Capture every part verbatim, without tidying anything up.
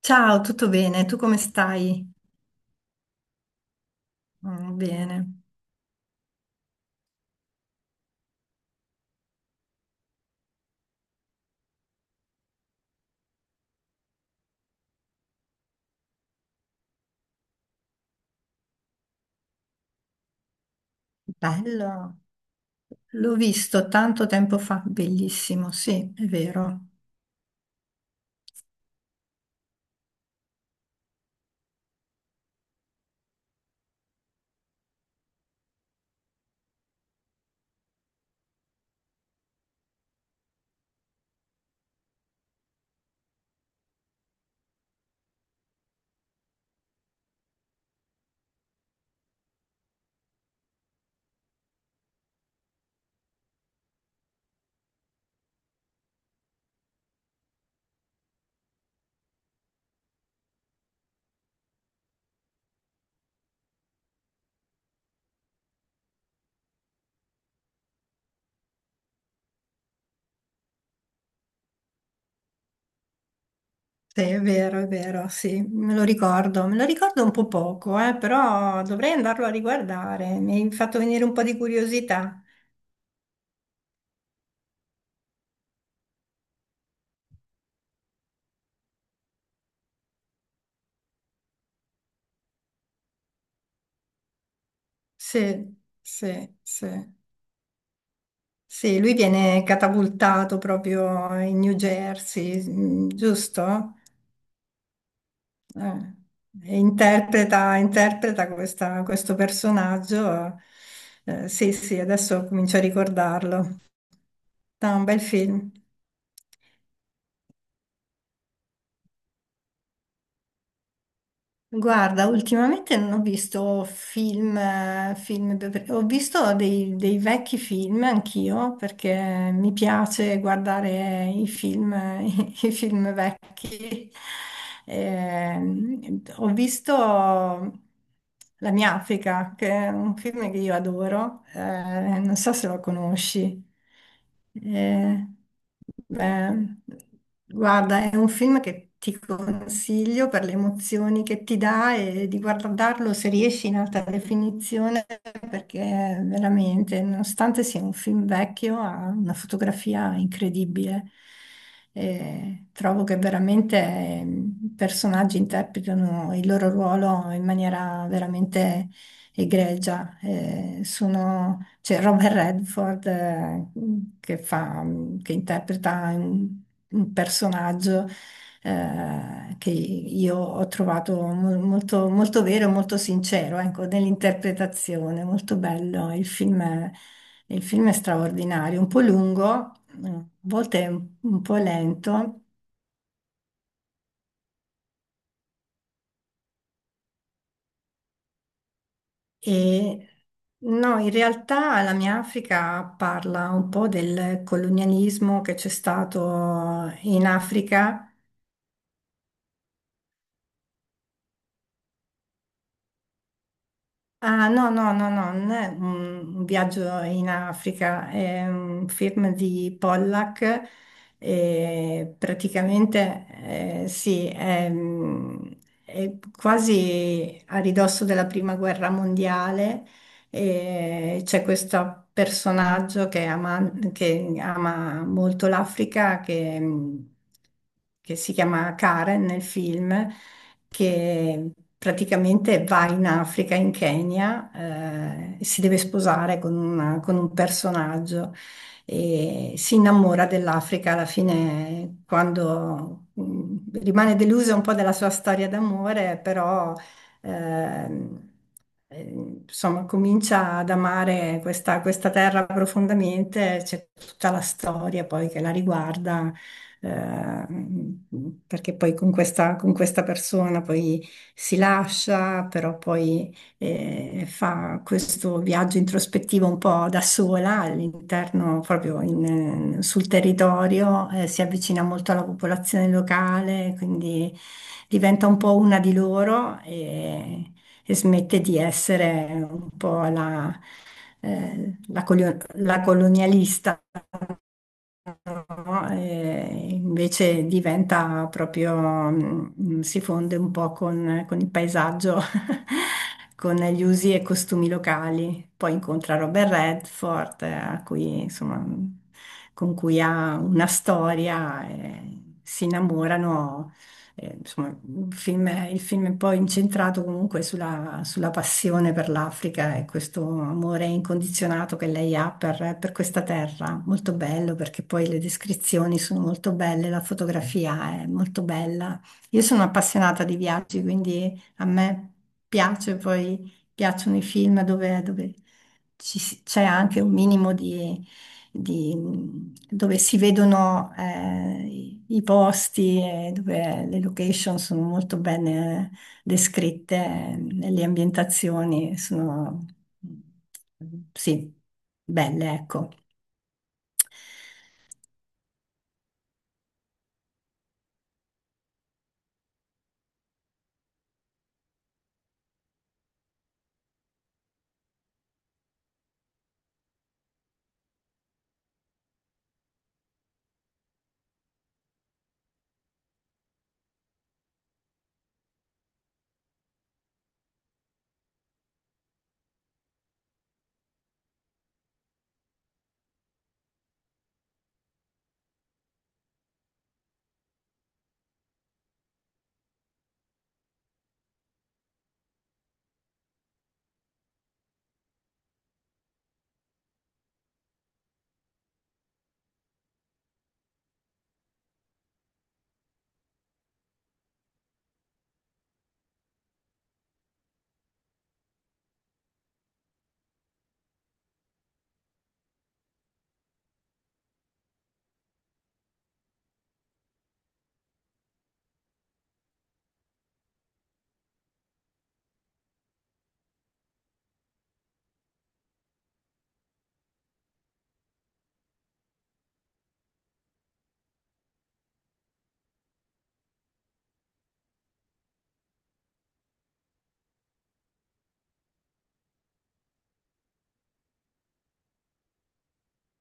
Ciao, tutto bene? Tu come stai? Mm, bene. Bello. L'ho visto tanto tempo fa, bellissimo, sì, è vero. Sì, è vero, è vero, sì, me lo ricordo. Me lo ricordo un po' poco, eh, però dovrei andarlo a riguardare. Mi hai fatto venire un po' di curiosità. Sì, sì, sì. Sì, lui viene catapultato proprio in New Jersey, mm, giusto? Eh, e interpreta, interpreta questa- questo personaggio. Eh, sì, sì, adesso comincio a ricordarlo. No, un bel film. Guarda, ultimamente non ho visto film, eh, film per- ho visto dei, dei vecchi film anch'io perché mi piace guardare i film, i film vecchi. Ehm, ho visto La mia Africa, che è un film che io adoro, eh, non so se lo conosci. Eh, beh, guarda, è un film che ti consiglio per le emozioni che ti dà e di guardarlo se riesci in alta definizione, perché veramente, nonostante sia un film vecchio, ha una fotografia incredibile. E trovo che veramente eh, i personaggi interpretano il loro ruolo in maniera veramente egregia. Eh, sono- c'è Robert Redford, eh, che fa, che interpreta un, un personaggio, eh, che io ho trovato mo- molto, molto vero, e molto sincero, ecco, nell'interpretazione, molto bello. Il film è, il film è straordinario, un po' lungo, eh, a volte è un un po' lento. E no, in realtà La mia Africa parla un po' del colonialismo che c'è stato in Africa. Ah, no, no, no, no, non è un un viaggio in Africa, è un film di Pollack. E praticamente, eh, sì, è, mm, è quasi a ridosso della prima guerra mondiale. E c'è questo personaggio che ama, che ama molto l'Africa, che, mh, che si chiama Karen nel film, che praticamente va in Africa, in Kenya, eh, e si deve sposare con una- con un personaggio e si innamora dell'Africa alla fine quando, mh, rimane delusa un po' della sua storia d'amore, però, ehm, eh, insomma, comincia ad amare questa, questa terra profondamente, c'è tutta la storia poi che la riguarda, ehm, perché poi con questa, con questa persona poi si lascia, però poi, eh, fa questo viaggio introspettivo un po' da sola all'interno, proprio in- sul territorio, eh, si avvicina molto alla popolazione locale, quindi diventa un po' una di loro e, e smette di essere un po' la, eh, la colio- la colonialista, no? E invece diventa proprio, mm, mm, si fonde un po' con, con il paesaggio, con gli usi e costumi locali. Poi incontra Robert Redford, eh, a cui, insomma, con cui ha una storia, e si innamorano. Eh, insomma, il film è, il film è poi incentrato comunque sulla, sulla passione per l'Africa e questo amore incondizionato che lei ha per, per questa terra. Molto bello perché poi le descrizioni sono molto belle, la fotografia è molto bella. Io sono appassionata di viaggi, quindi a me piace, poi piacciono i film dove, dove ci si- c'è anche un minimo di di- dove si vedono, eh, i i posti e dove le location sono molto bene descritte, eh, le ambientazioni sono, mm, sì, belle, ecco.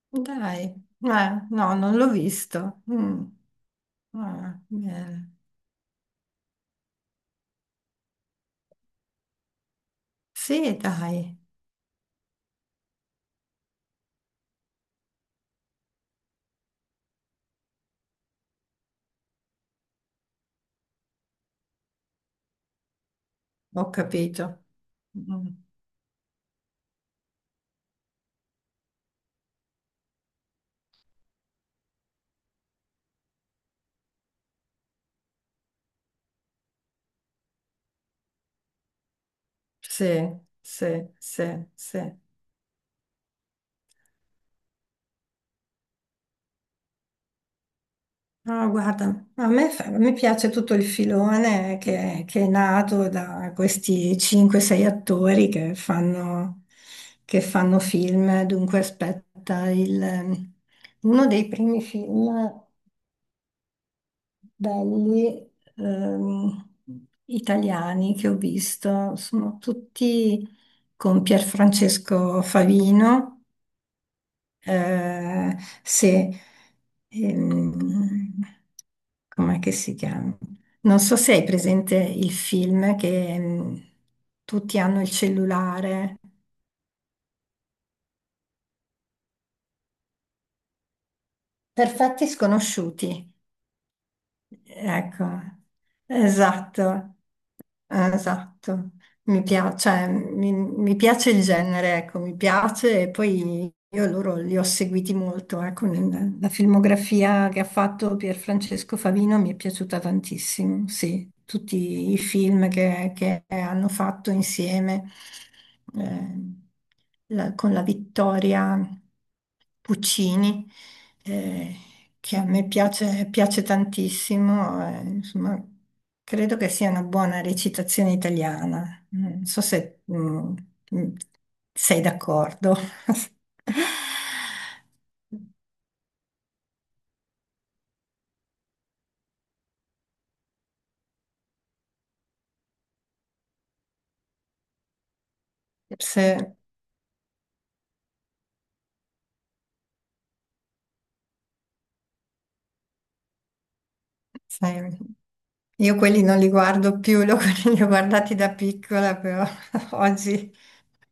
Dai, eh, no, non l'ho visto. Mm, ah, bene. Sì, dai, ho capito. Mm, sì, sì, sì, sì. No, guarda, a me, fa- mi piace tutto il filone che, che è nato da questi cinque sei attori che fanno, che fanno film. Dunque, aspetta, il- uno dei primi film belli, ehm, italiani, che ho visto sono tutti con Pierfrancesco Favino. Eh, se, ehm, Com'è che si chiama? Non so se hai presente il film che, mh, tutti hanno il cellulare. Perfetti sconosciuti. Ecco, esatto. Eh, esatto, mi piace, cioè, mi, mi piace il genere, ecco, mi piace e poi io loro li ho seguiti molto, ecco, nel- la filmografia che ha fatto Pierfrancesco Favino mi è piaciuta tantissimo, sì, tutti i film che, che hanno fatto insieme, eh, la- con la Vittoria Puccini, eh, che a me piace, piace tantissimo, eh, insomma, credo che sia una buona recitazione italiana. Non so se, mm, mm, sei d'accordo. Se- Sai, io quelli non li guardo più, li ho, li ho guardati da piccola, però oggi,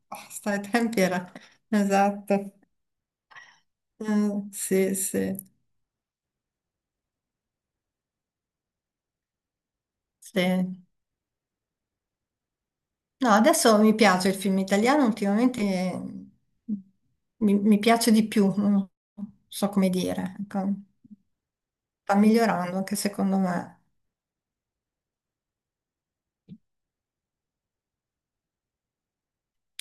oh, stai tempi era. Esatto. Mm, sì, sì. Sì. No, adesso mi piace il film italiano, ultimamente, eh, mi, mi piace di più, non so come dire, ecco. Sta migliorando anche secondo me.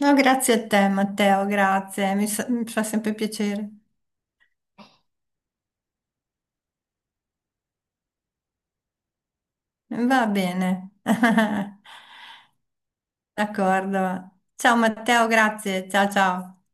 No, grazie a te Matteo, grazie, mi, sa- mi fa sempre piacere. Va bene. D'accordo. Ciao Matteo, grazie, ciao ciao.